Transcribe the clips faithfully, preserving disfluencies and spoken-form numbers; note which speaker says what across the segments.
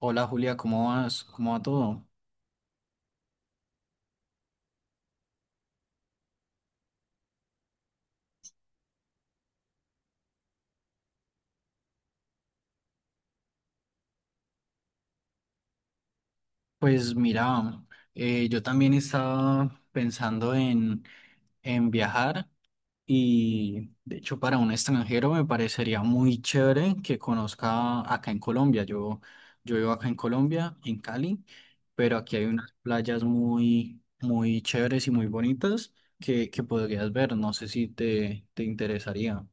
Speaker 1: Hola Julia, ¿cómo vas? ¿Cómo va todo? Pues mira, eh, yo también estaba pensando en, en viajar y de hecho para un extranjero me parecería muy chévere que conozca acá en Colombia. Yo, yo vivo acá en Colombia, en Cali, pero aquí hay unas playas muy, muy chéveres y muy bonitas que, que podrías ver. No sé si te, te interesaría.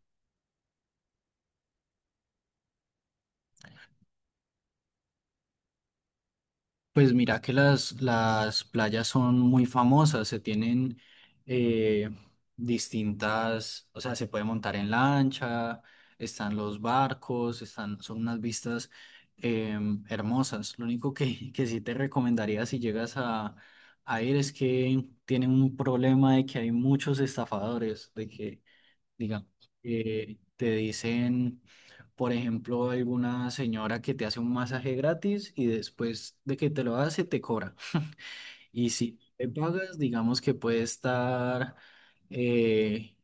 Speaker 1: Pues mira que las, las playas son muy famosas, se tienen eh, distintas, o sea, se puede montar en lancha, están los barcos, están, son unas vistas eh, hermosas. Lo único que, que sí te recomendaría si llegas a, a ir es que tienen un problema de que hay muchos estafadores, de que digamos, eh, te dicen, por ejemplo, alguna señora que te hace un masaje gratis y después de que te lo hace, te cobra. Y si te pagas, digamos que puede estar eh,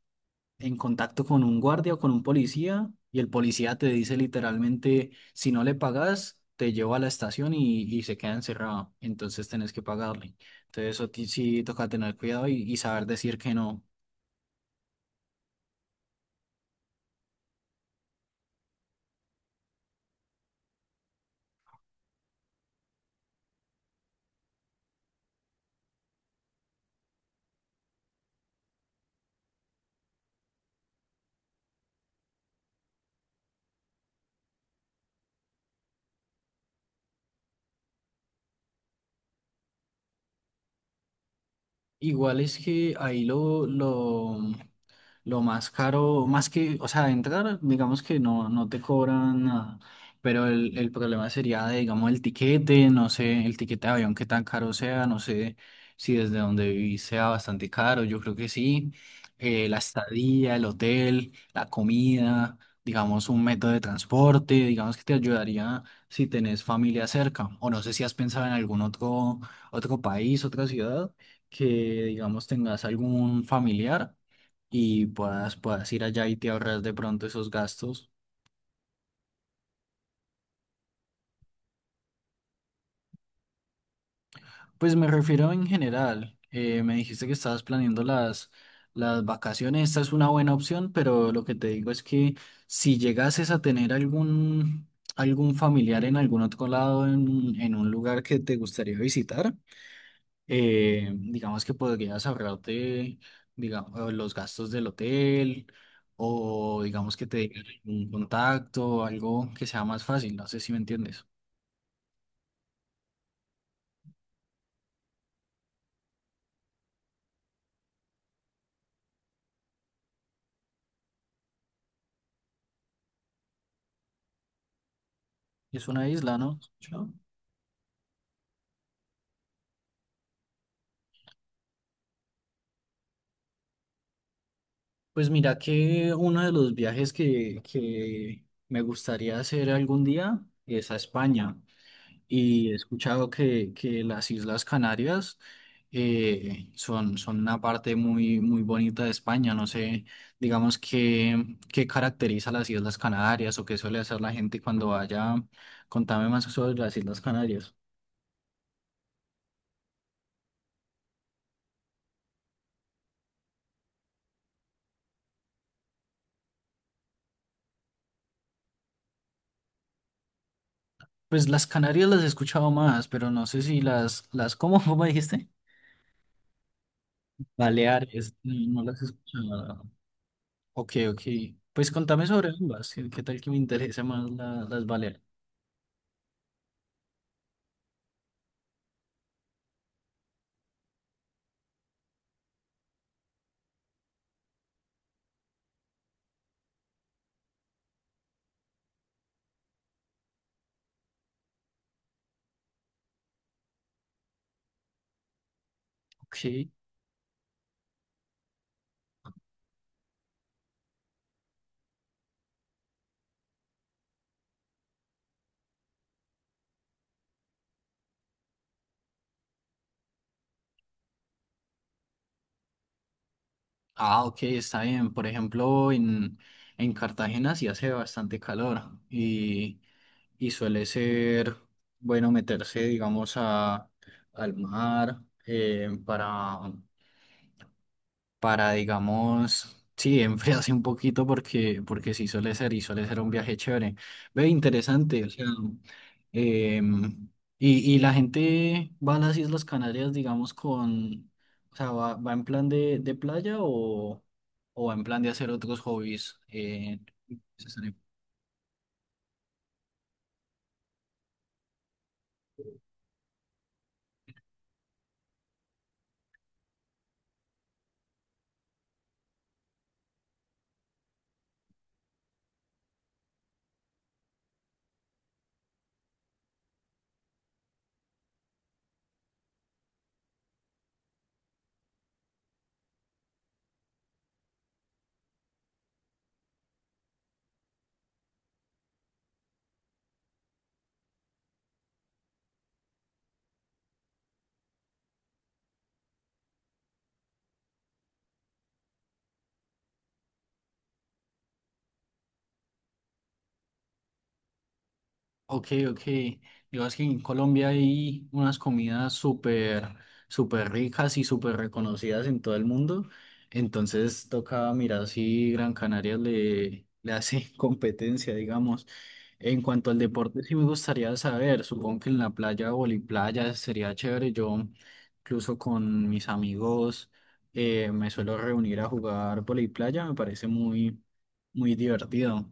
Speaker 1: en contacto con un guardia o con un policía y el policía te dice literalmente, si no le pagas, te lleva a la estación y, y se queda encerrado. Entonces tenés que pagarle. Entonces eso ti- sí toca tener cuidado y y saber decir que no. Igual es que ahí lo, lo, lo más caro, más que, o sea, entrar, digamos que no, no te cobran nada, pero el, el problema sería, de, digamos, el tiquete, no sé, el tiquete de avión, qué tan caro sea, no sé si desde donde vivís sea bastante caro, yo creo que sí, eh, la estadía, el hotel, la comida, digamos, un método de transporte, digamos que te ayudaría si tenés familia cerca, o no sé si has pensado en algún otro, otro país, otra ciudad que, digamos, tengas algún familiar y puedas, puedas ir allá y te ahorras de pronto esos gastos. Pues me refiero en general. Eh, me dijiste que estabas planeando las, las vacaciones. Esta es una buena opción, pero lo que te digo es que si llegases a tener algún, algún familiar en algún otro lado, en, en un lugar que te gustaría visitar. Eh, digamos que podrías ahorrarte, digamos, los gastos del hotel o digamos que te digan un contacto algo que sea más fácil, no sé si me entiendes. Es una isla, ¿no? Yo- Pues mira que uno de los viajes que, que me gustaría hacer algún día es a España. Y he escuchado que, que las Islas Canarias eh, son, son una parte muy, muy bonita de España. No sé, digamos, qué, qué caracteriza las Islas Canarias o qué suele hacer la gente cuando vaya. Contame más sobre las Islas Canarias. Pues las Canarias las he escuchado más, pero no sé si las, las, ¿cómo, cómo dijiste? Baleares, no no las he escuchado. Ok, ok. Pues contame sobre ambas. ¿Qué, qué tal que me interesa más la- las Baleares? Ok. Ah, ok, está bien. Por ejemplo, en, en Cartagena sí hace bastante calor y, y suele ser bueno meterse, digamos, a, al mar eh, para, para, digamos, sí, enfriarse un poquito porque, porque sí suele ser y suele ser un viaje chévere. Ve, interesante, o sea, em, y, y la gente va a las Islas Canarias, digamos, con, o sea, va, va en plan de, de playa o, o va en plan de hacer otros hobbies. Eh, Ok, ok. Yo es que en Colombia hay unas comidas súper, súper ricas y súper reconocidas en todo el mundo. Entonces toca mirar si Gran Canaria le, le hace competencia, digamos. En cuanto al deporte, sí me gustaría saber. Supongo que en la playa, voliplaya, sería chévere. Yo, incluso con mis amigos, eh, me suelo reunir a jugar voliplaya. Me parece muy, muy divertido.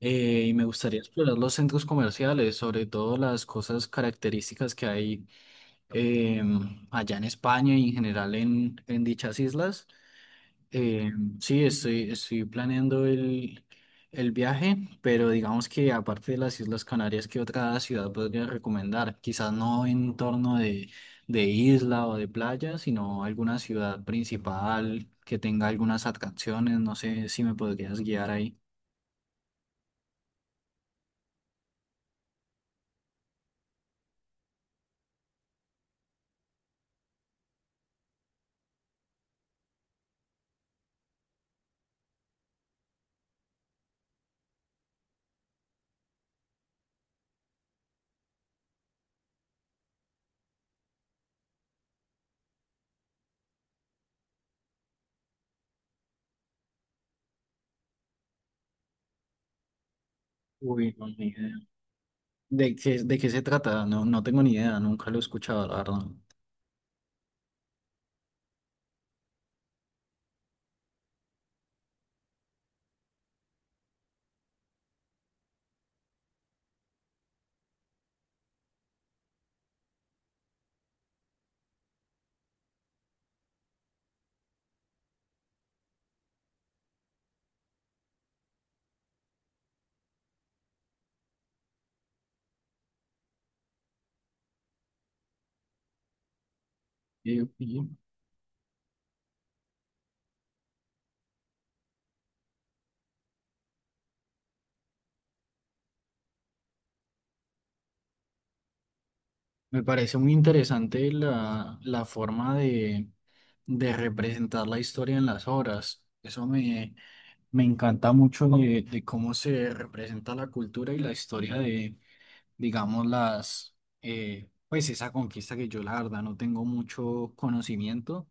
Speaker 1: Eh, y me gustaría explorar los centros comerciales, sobre todo las cosas características que hay em, allá en España y en general en, en dichas islas. Em, sí, estoy, estoy planeando el, el viaje, pero digamos que aparte de las Islas Canarias, ¿qué otra ciudad podría recomendar? Quizás no en torno de, de isla o de playa, sino alguna ciudad principal que tenga algunas atracciones. No sé si me podrías guiar ahí. Uy, no, ni idea. ¿De qué, de qué se trata? No, no tengo ni idea, nunca lo he escuchado, la verdad. Eh, y Me parece muy interesante la, la forma de, de representar la historia en las obras. Eso me, me encanta mucho de, de cómo se representa la cultura y la historia de, digamos, las, eh, pues esa conquista que yo la verdad no tengo mucho conocimiento,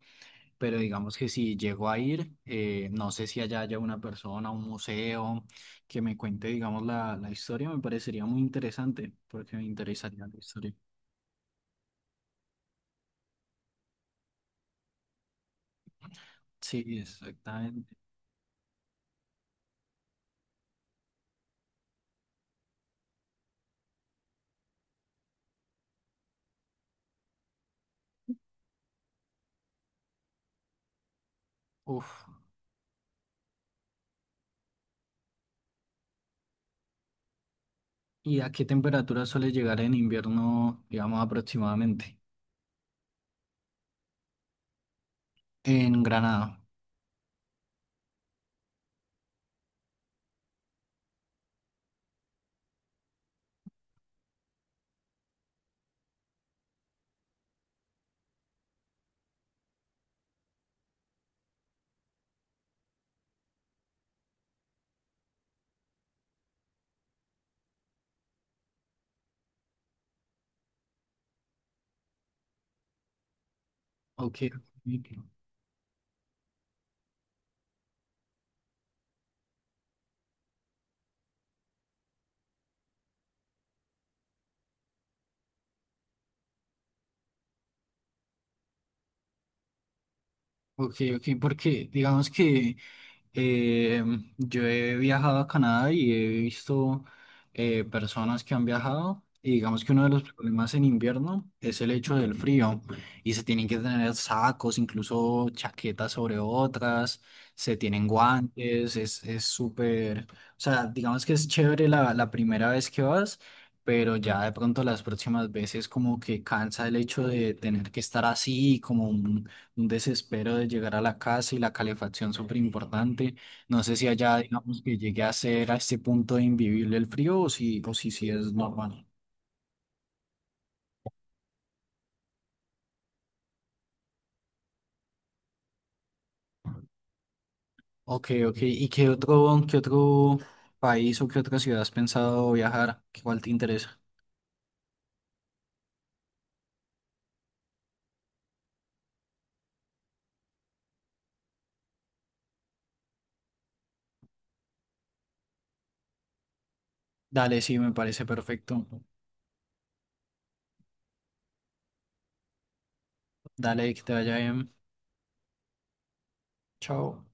Speaker 1: pero digamos que si llego a ir, eh, no sé si allá haya una persona, un museo que me cuente, digamos, la, la historia, me parecería muy interesante, porque me interesaría la historia. Sí, exactamente. Uf. ¿Y a qué temperatura suele llegar en invierno, digamos, aproximadamente? En Granada. Ok, ok, ok, ok, ok, porque digamos que Eh, yo he viajado a Canadá y he visto eh, personas que han viajado y digamos que uno de los problemas en invierno es el hecho del frío y se tienen que tener sacos, incluso chaquetas sobre otras, se tienen guantes, es, es súper, o sea, digamos que es chévere la, la primera vez que vas, pero ya de pronto las próximas veces como que cansa el hecho de tener que estar así como un desespero de llegar a la casa y la calefacción súper importante. No sé si allá, digamos, que llegue a ser a este punto de invivible el frío o si, o si, sí es normal. Ok, ok. ¿Y qué otro, qué otro país o qué otra ciudad has pensado viajar? ¿Cuál te interesa? Dale, sí, me parece perfecto. Dale, que te vaya bien. Chao.